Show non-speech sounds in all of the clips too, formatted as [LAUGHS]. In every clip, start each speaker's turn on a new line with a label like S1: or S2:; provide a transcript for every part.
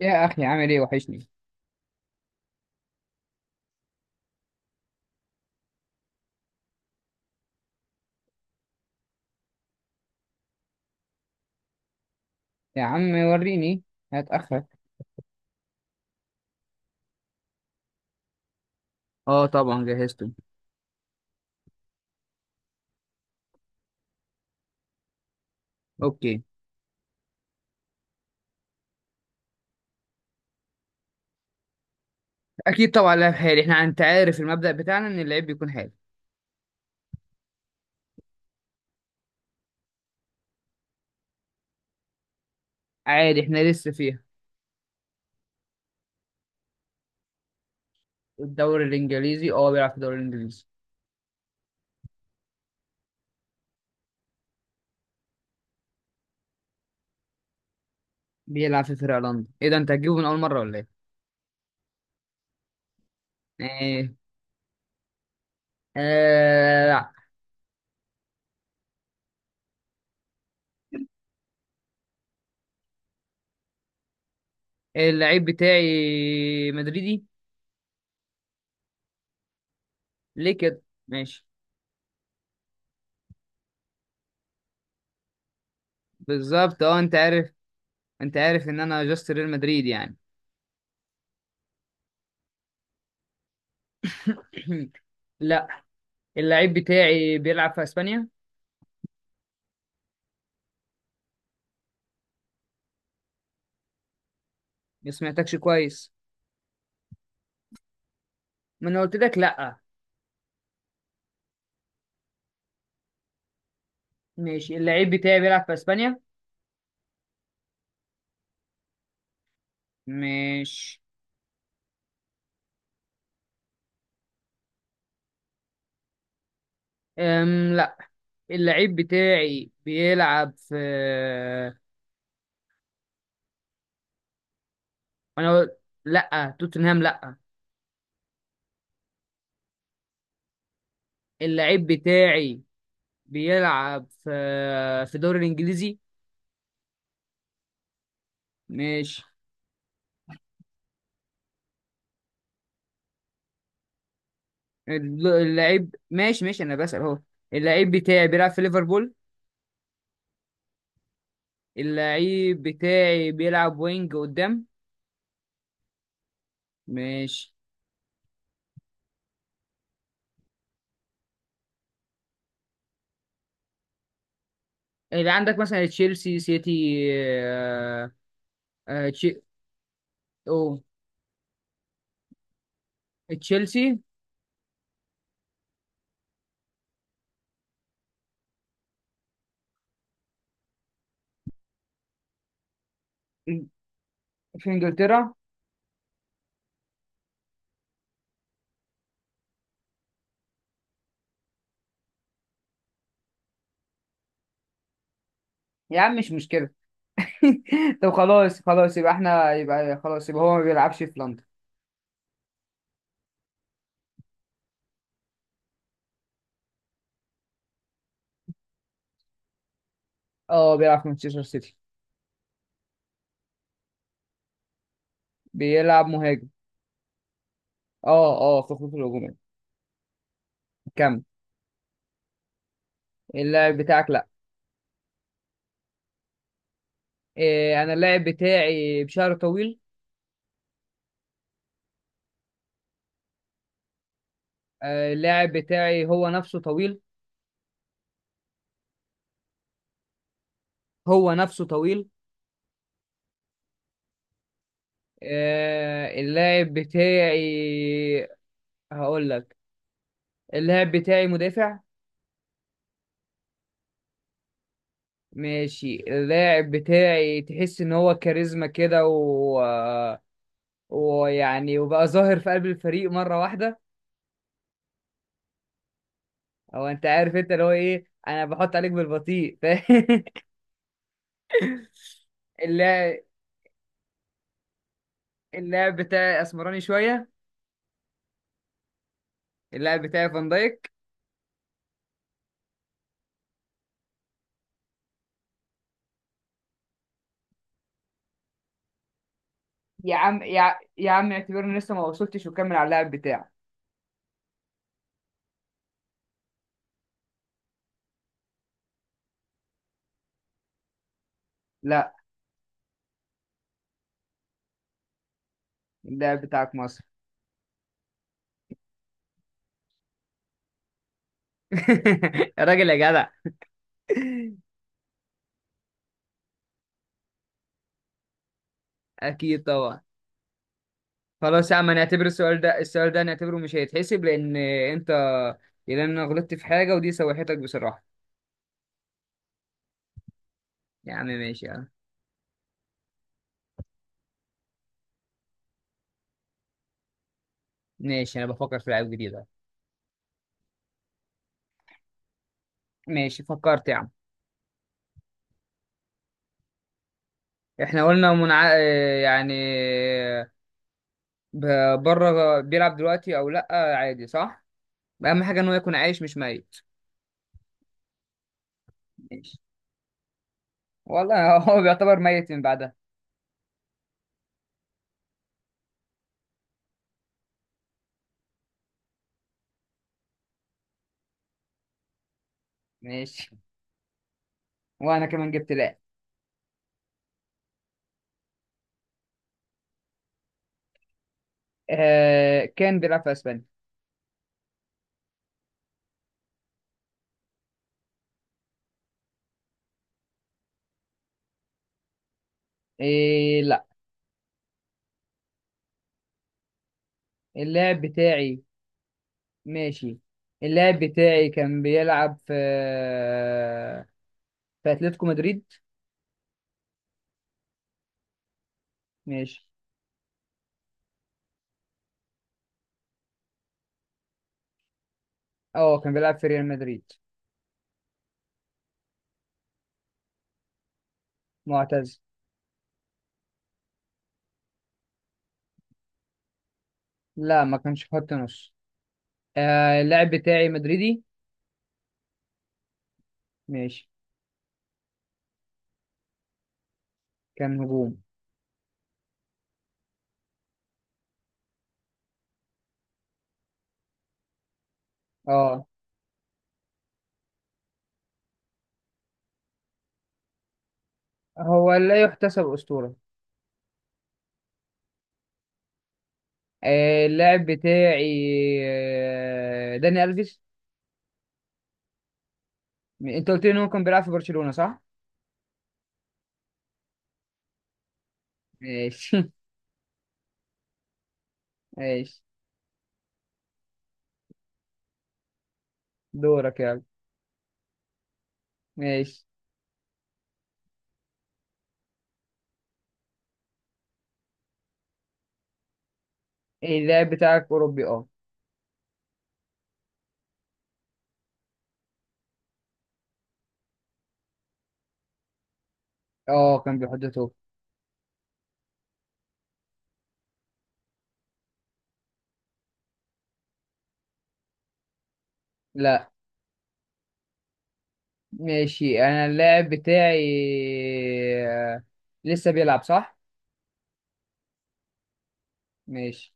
S1: يا أخي، عامل إيه؟ وحشني. يا عم وريني. هتأخر. اه، طبعا جهزته. اوكي. اكيد طبعا لعب حالي، احنا انت عارف المبدأ بتاعنا ان اللعيب بيكون حالي. عادي احنا لسه فيها. الدوري الانجليزي، بيلعب في الدوري الانجليزي. بيلعب في فرقة لندن؟ ايه ده، انت هتجيبه من اول مرة ولا ايه؟ ايه. آه لا. اللعيب بتاعي مدريدي. ليه كده؟ ماشي. بالظبط اه، انت عارف. انت عارف ان انا جاست ريال مدريد يعني. [COUGHS] لا. اللعيب بتاعي بيلعب في اسبانيا. ما سمعتكش كويس. ما انا قلت لك لا. ماشي، اللعيب بتاعي بيلعب في اسبانيا. مش. لا. اللعيب بتاعي بيلعب في. انا قلت لا، توتنهام لا. اللعيب بتاعي بيلعب في الدوري الانجليزي. ماشي، اللعيب ماشي ماشي، انا بسأل اهو. اللعيب بتاعي بيلعب في ليفربول. اللعيب بتاعي بيلعب وينج قدام. ماشي. اللي عندك مثلا تشيلسي، سيتي، آه تشي... أوه، تشيلسي. في انجلترا. يا عم مش مشكله. [LAUGHS] طب خلاص خلاص، يبقى احنا يبقى خلاص يبقى هو ما بيلعبش في لندن. اه، بيلعب في مانشستر سيتي. بيلعب مهاجم. اه اه، في الخطوط الهجوميه. كمل. اللاعب بتاعك لا. إيه، انا اللاعب بتاعي بشعره طويل. اللاعب بتاعي هو نفسه طويل. هو نفسه طويل. اللاعب بتاعي هقول لك. اللاعب بتاعي مدافع. ماشي، اللاعب بتاعي تحس ان هو كاريزما كده و... ويعني وبقى ظاهر في قلب الفريق مرة واحدة. او انت عارف، انت اللي هو ايه، انا بحط عليك بالبطيء، [LAUGHS] فاهم؟ اللاعب اللاعب بتاعي اسمراني شوية. اللاعب بتاعي فان دايك. يا عم اعتبرني لسه ما وصلتش، وكمل على اللاعب بتاعك. لا. اللاعب بتاعك مصر. [LAUGHS] يا راجل يا جدع. اكيد طبعا. خلاص يا عم، هنعتبر السؤال ده، السؤال ده هنعتبره مش هيتحسب لان انت... لان انا غلطت في حاجه، ودي سوحتك بصراحه. يا عم ماشي يا عم. ماشي، انا بفكر في لعيب جديد أهو. ماشي فكرت يا عم. احنا قلنا منع... آه، يعني بره بيلعب دلوقتي او لا عادي صح؟ اهم حاجه انه يكون عايش مش ميت. ماشي. والله، [LAUGHS] هو بيعتبر ميت من بعدها. ماشي، وانا كمان جبت لاعب. كان بيلعب في اسبانيا. إيه لا. اللاعب بتاعي. ماشي، اللاعب بتاعي كان بيلعب في اتلتيكو مدريد. ماشي. اه، كان بيلعب في ريال مدريد. معتز. لا ما كانش خط نص. اللاعب بتاعي مدريدي. ماشي. كان هجوم. اه. هو لا يحتسب أسطورة. اللاعب بتاعي داني ألفيس. انت قلت لي ان هو كان بيلعب في برشلونة صح؟ ماشي [LAUGHS] ماشي. دورك يلا. ماشي. إيه، اللاعب بتاعك أوروبي اه. اه، كان بيحط توب. لا. ماشي، انا اللاعب بتاعي آه، لسه بيلعب صح؟ ماشي.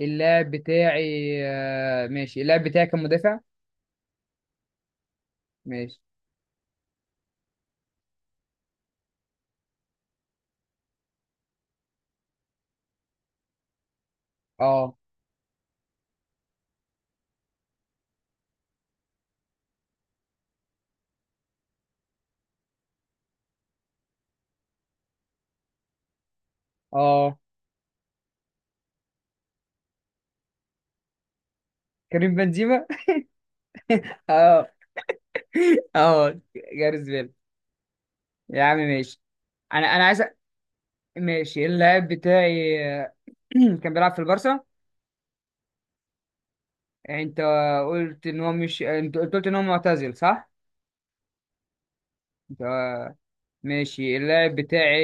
S1: اللاعب بتاعي ماشي اللاعب بتاعي كان مدافع. ماشي. اه اه. كريم بنزيما. [LAUGHS] اه اه. جاريث بيل. يا عم ماشي. انا عايز ماشي اللاعب بتاعي [CLEARS THROAT] كان بيلعب في البارسا. انت قلت ان هو مش، انت قلت ان هو معتزل صح؟ ده. ماشي، اللاعب بتاعي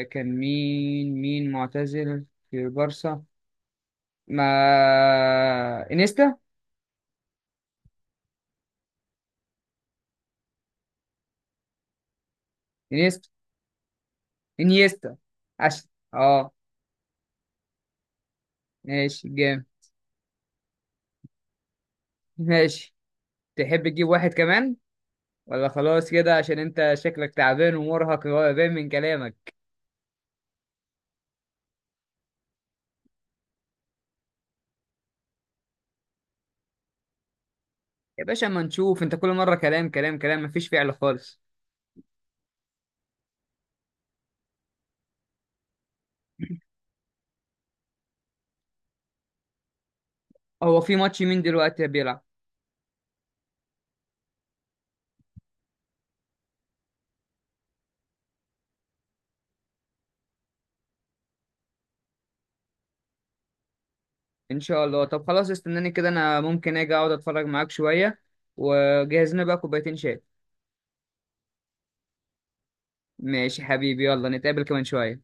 S1: كان مين معتزل في البارسا؟ ما انيستا، انيستا، انيستا. عشان اه. ماشي جامد. [LAUGHS] ماشي. تحب تجيب واحد كمان ولا خلاص كده؟ عشان انت شكلك تعبان ومرهق، وهو باين من كلامك. يا باشا، اما نشوف، انت كل مرة كلام كلام كلام، مفيش فعل خالص. هو في ماتش مين دلوقتي بيلعب؟ ان شاء الله. طب خلاص، استناني كده، انا ممكن اجي اقعد اتفرج معاك شوية، وجهز لنا بقى كوبايتين شاي. ماشي حبيبي، يلا نتقابل كمان شوية.